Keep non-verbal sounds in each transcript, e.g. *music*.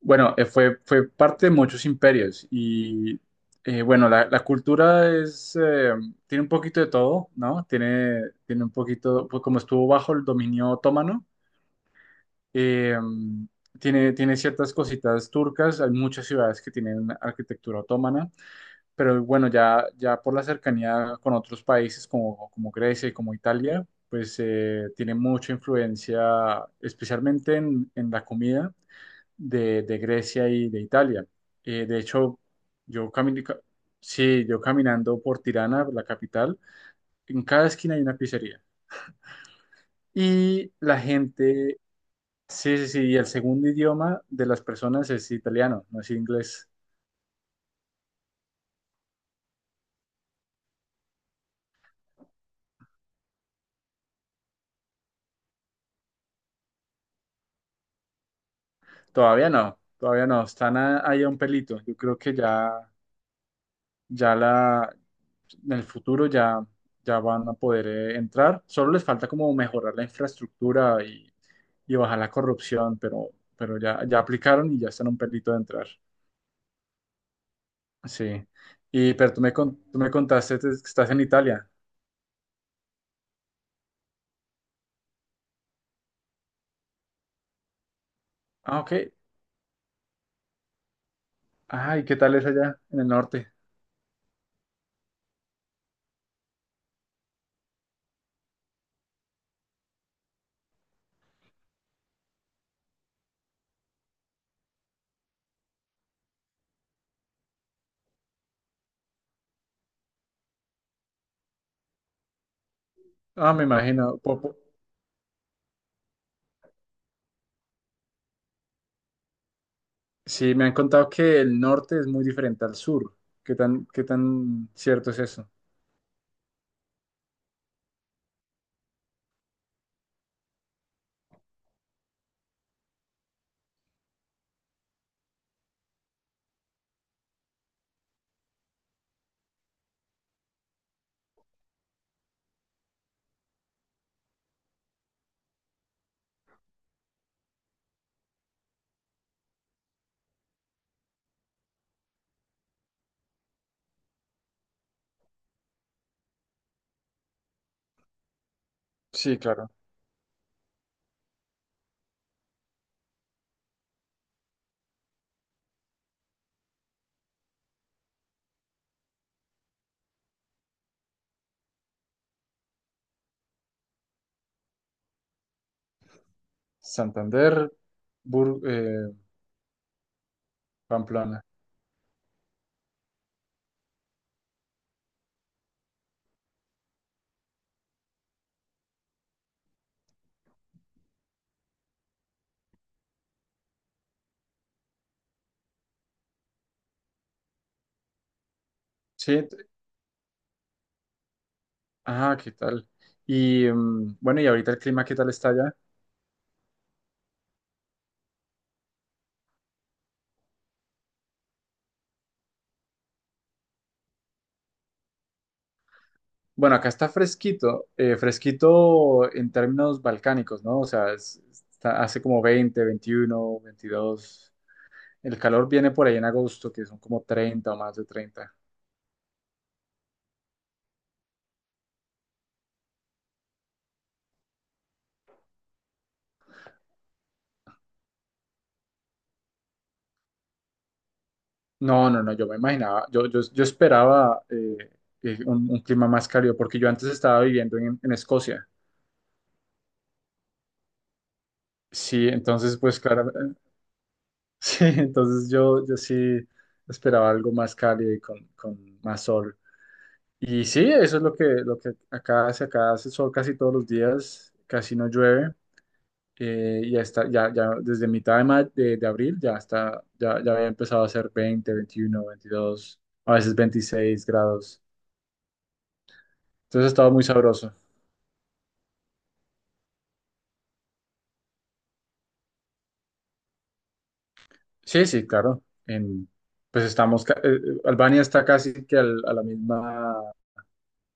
Bueno, fue parte de muchos imperios y bueno, la cultura es, tiene un poquito de todo, ¿no? Tiene un poquito, pues como estuvo bajo el dominio otomano, eh, tiene ciertas cositas turcas, hay muchas ciudades que tienen arquitectura otomana, pero bueno, ya por la cercanía con otros países como Grecia y como Italia, pues tiene mucha influencia, especialmente en la comida de Grecia y de Italia. De hecho, yo, cami- ca- sí, yo caminando por Tirana, la capital, en cada esquina hay una pizzería. Y la gente, sí, sí, sí, y el segundo idioma de las personas es italiano, no es inglés. Todavía no, están ahí a un pelito. Yo creo que ya, ya la, en el futuro ya van a poder entrar. Solo les falta como mejorar la infraestructura y bajar la corrupción, pero, pero ya aplicaron y ya están a un pelito de entrar. Sí. Pero tú me contaste que estás en Italia. Ah, ok. Ay, ¿qué tal es allá en el norte? Ah, me imagino. Sí, me han contado que el norte es muy diferente al sur. ¿Qué tan cierto es eso? Sí, claro. Santander, Bur- eh, Pamplona. Sí. Ah, ¿qué tal? Y bueno, y ahorita el clima, ¿qué tal está allá? Bueno, acá está fresquito, fresquito en términos balcánicos, ¿no? O sea, hace como 20, 21, 22. El calor viene por ahí en agosto, que son como 30 o más de 30. No, no, no, yo me imaginaba, yo esperaba un clima más cálido, porque yo antes estaba viviendo en, Escocia. Sí, entonces, pues claro, *laughs* sí, entonces yo sí esperaba algo más cálido y con más sol. Y sí, eso es lo que acá hace. Acá hace sol casi todos los días, casi no llueve. Ya está, ya desde mitad de abril ya está, ya había empezado a hacer 20 21 22 a veces 26 grados. Entonces ha estado muy sabroso. Sí, sí, claro. En, pues estamos, ca- Albania está casi que a la misma,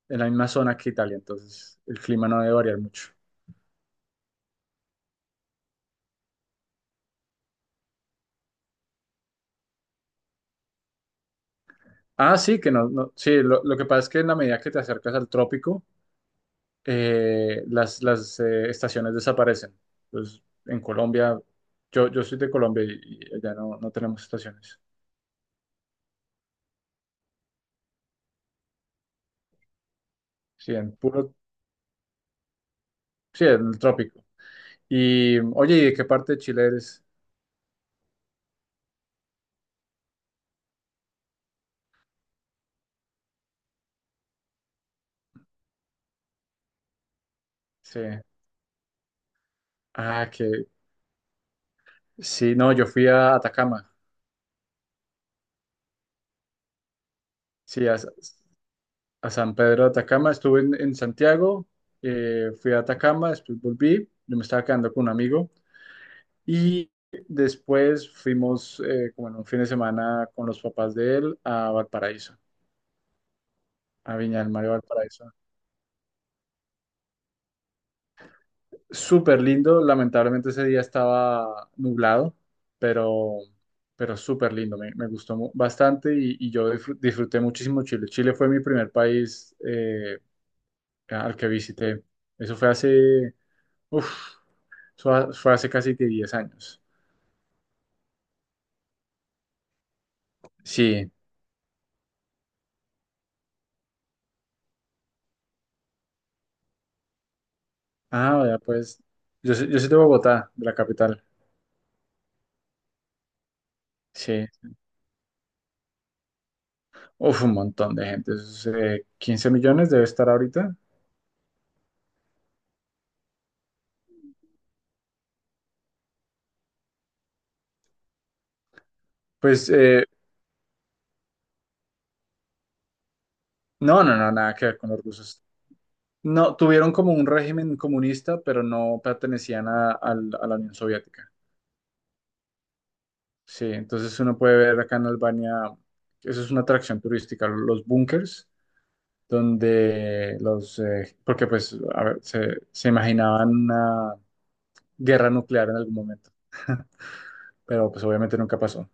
en la misma zona que Italia, entonces el clima no debe variar mucho. Ah, sí, que no, no, sí, lo que pasa es que en la medida que te acercas al trópico, las estaciones desaparecen. Entonces, en Colombia, yo soy de Colombia y allá no tenemos estaciones. Sí, en sí, en el trópico. Y, oye, ¿y de qué parte de Chile eres? Sí. Ah, que sí, no, yo fui a Atacama, sí, a San Pedro de Atacama, estuve en Santiago, fui a Atacama, después volví, yo me estaba quedando con un amigo y después fuimos como en un fin de semana con los papás de él a Valparaíso, a Viña del Mar y Valparaíso. Súper lindo, lamentablemente ese día estaba nublado, pero, súper lindo, me gustó bastante y yo disfruté muchísimo Chile. Chile fue mi primer país al que visité. Eso fue hace, uf, eso fue hace casi que 10 años. Sí, ah, vea, pues yo soy de Bogotá, de la capital. Sí, uf, un montón de gente, eso es, 15 millones debe estar ahorita. Pues no, no, no, nada que ver con los rusos. No, tuvieron como un régimen comunista, pero no pertenecían a la Unión Soviética. Sí, entonces uno puede ver acá en Albania, eso es una atracción turística, los búnkers, porque pues, a ver, se imaginaban una guerra nuclear en algún momento, pero pues obviamente nunca pasó.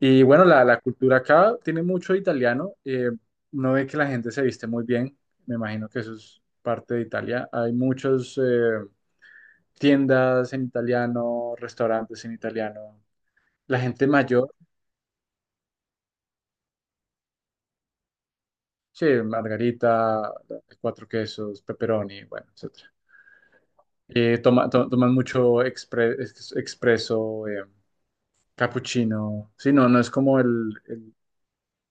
Y bueno, la cultura acá tiene mucho italiano, uno ve que la gente se viste muy bien, me imagino que eso es parte de Italia, hay muchos tiendas en italiano, restaurantes en italiano. La gente mayor. Sí, margarita, cuatro quesos, pepperoni, bueno, etcétera. Toman mucho expreso, cappuccino. Sí, no es como el, el-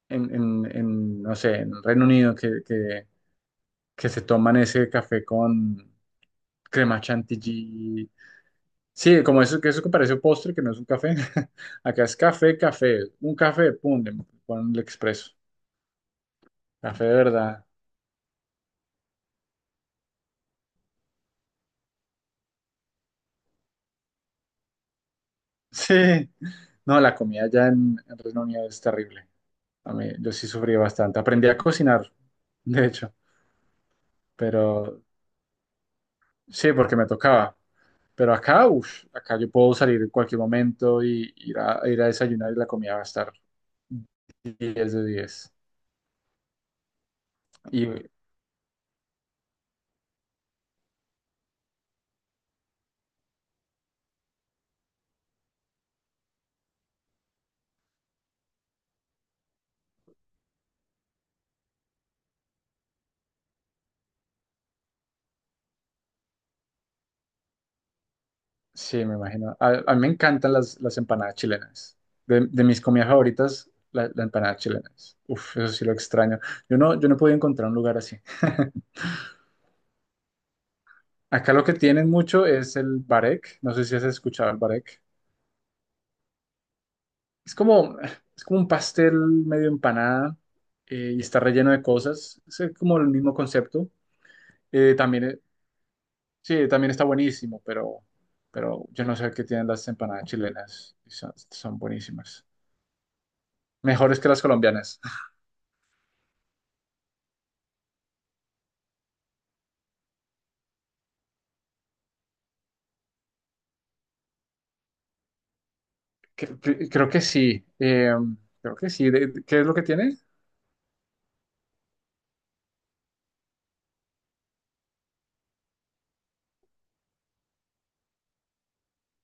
en, en- en, no sé, en Reino Unido que se toman ese café con crema chantilly. Sí, como eso que parece un postre, que no es un café. *laughs* Acá es café, café, un café, pum, le ponen el expreso. Café, de ¿verdad? *laughs* Sí. No, la comida allá en, Reino Unido es terrible. A mí, yo sí sufrí bastante. Aprendí a cocinar, de hecho, pero sí, porque me tocaba. Pero acá, acá yo puedo salir en cualquier momento y ir a desayunar y la comida va a estar 10 de 10. Y sí, me imagino. A mí me encantan las empanadas chilenas. De mis comidas favoritas, la empanada chilena. Uf, eso sí lo extraño. Yo no he podido encontrar un lugar así. *laughs* Acá lo que tienen mucho es el barek. No sé si has escuchado el barek. Es como un pastel medio empanada y está relleno de cosas. Es como el mismo concepto. Eh, también, eh, sí, también está buenísimo, pero, yo no sé qué tienen las empanadas chilenas. Y son buenísimas. Mejores que las colombianas. *laughs* Creo que sí. Creo que sí. ¿Qué es lo que tiene?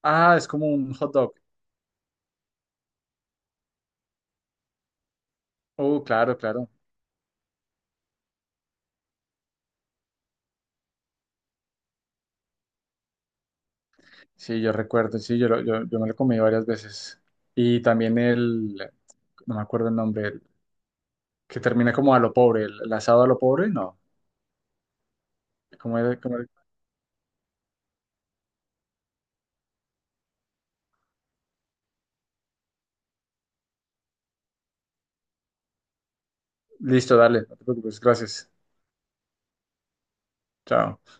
Ah, es como un hot dog. Oh, claro, claro. Sí, yo recuerdo, sí, yo me lo comí varias veces. Y también el, no me acuerdo el nombre, el que termina como a lo pobre, el asado a lo pobre, no. ¿Cómo era? ¿Cómo era? Listo, dale, no te preocupes, gracias. Chao.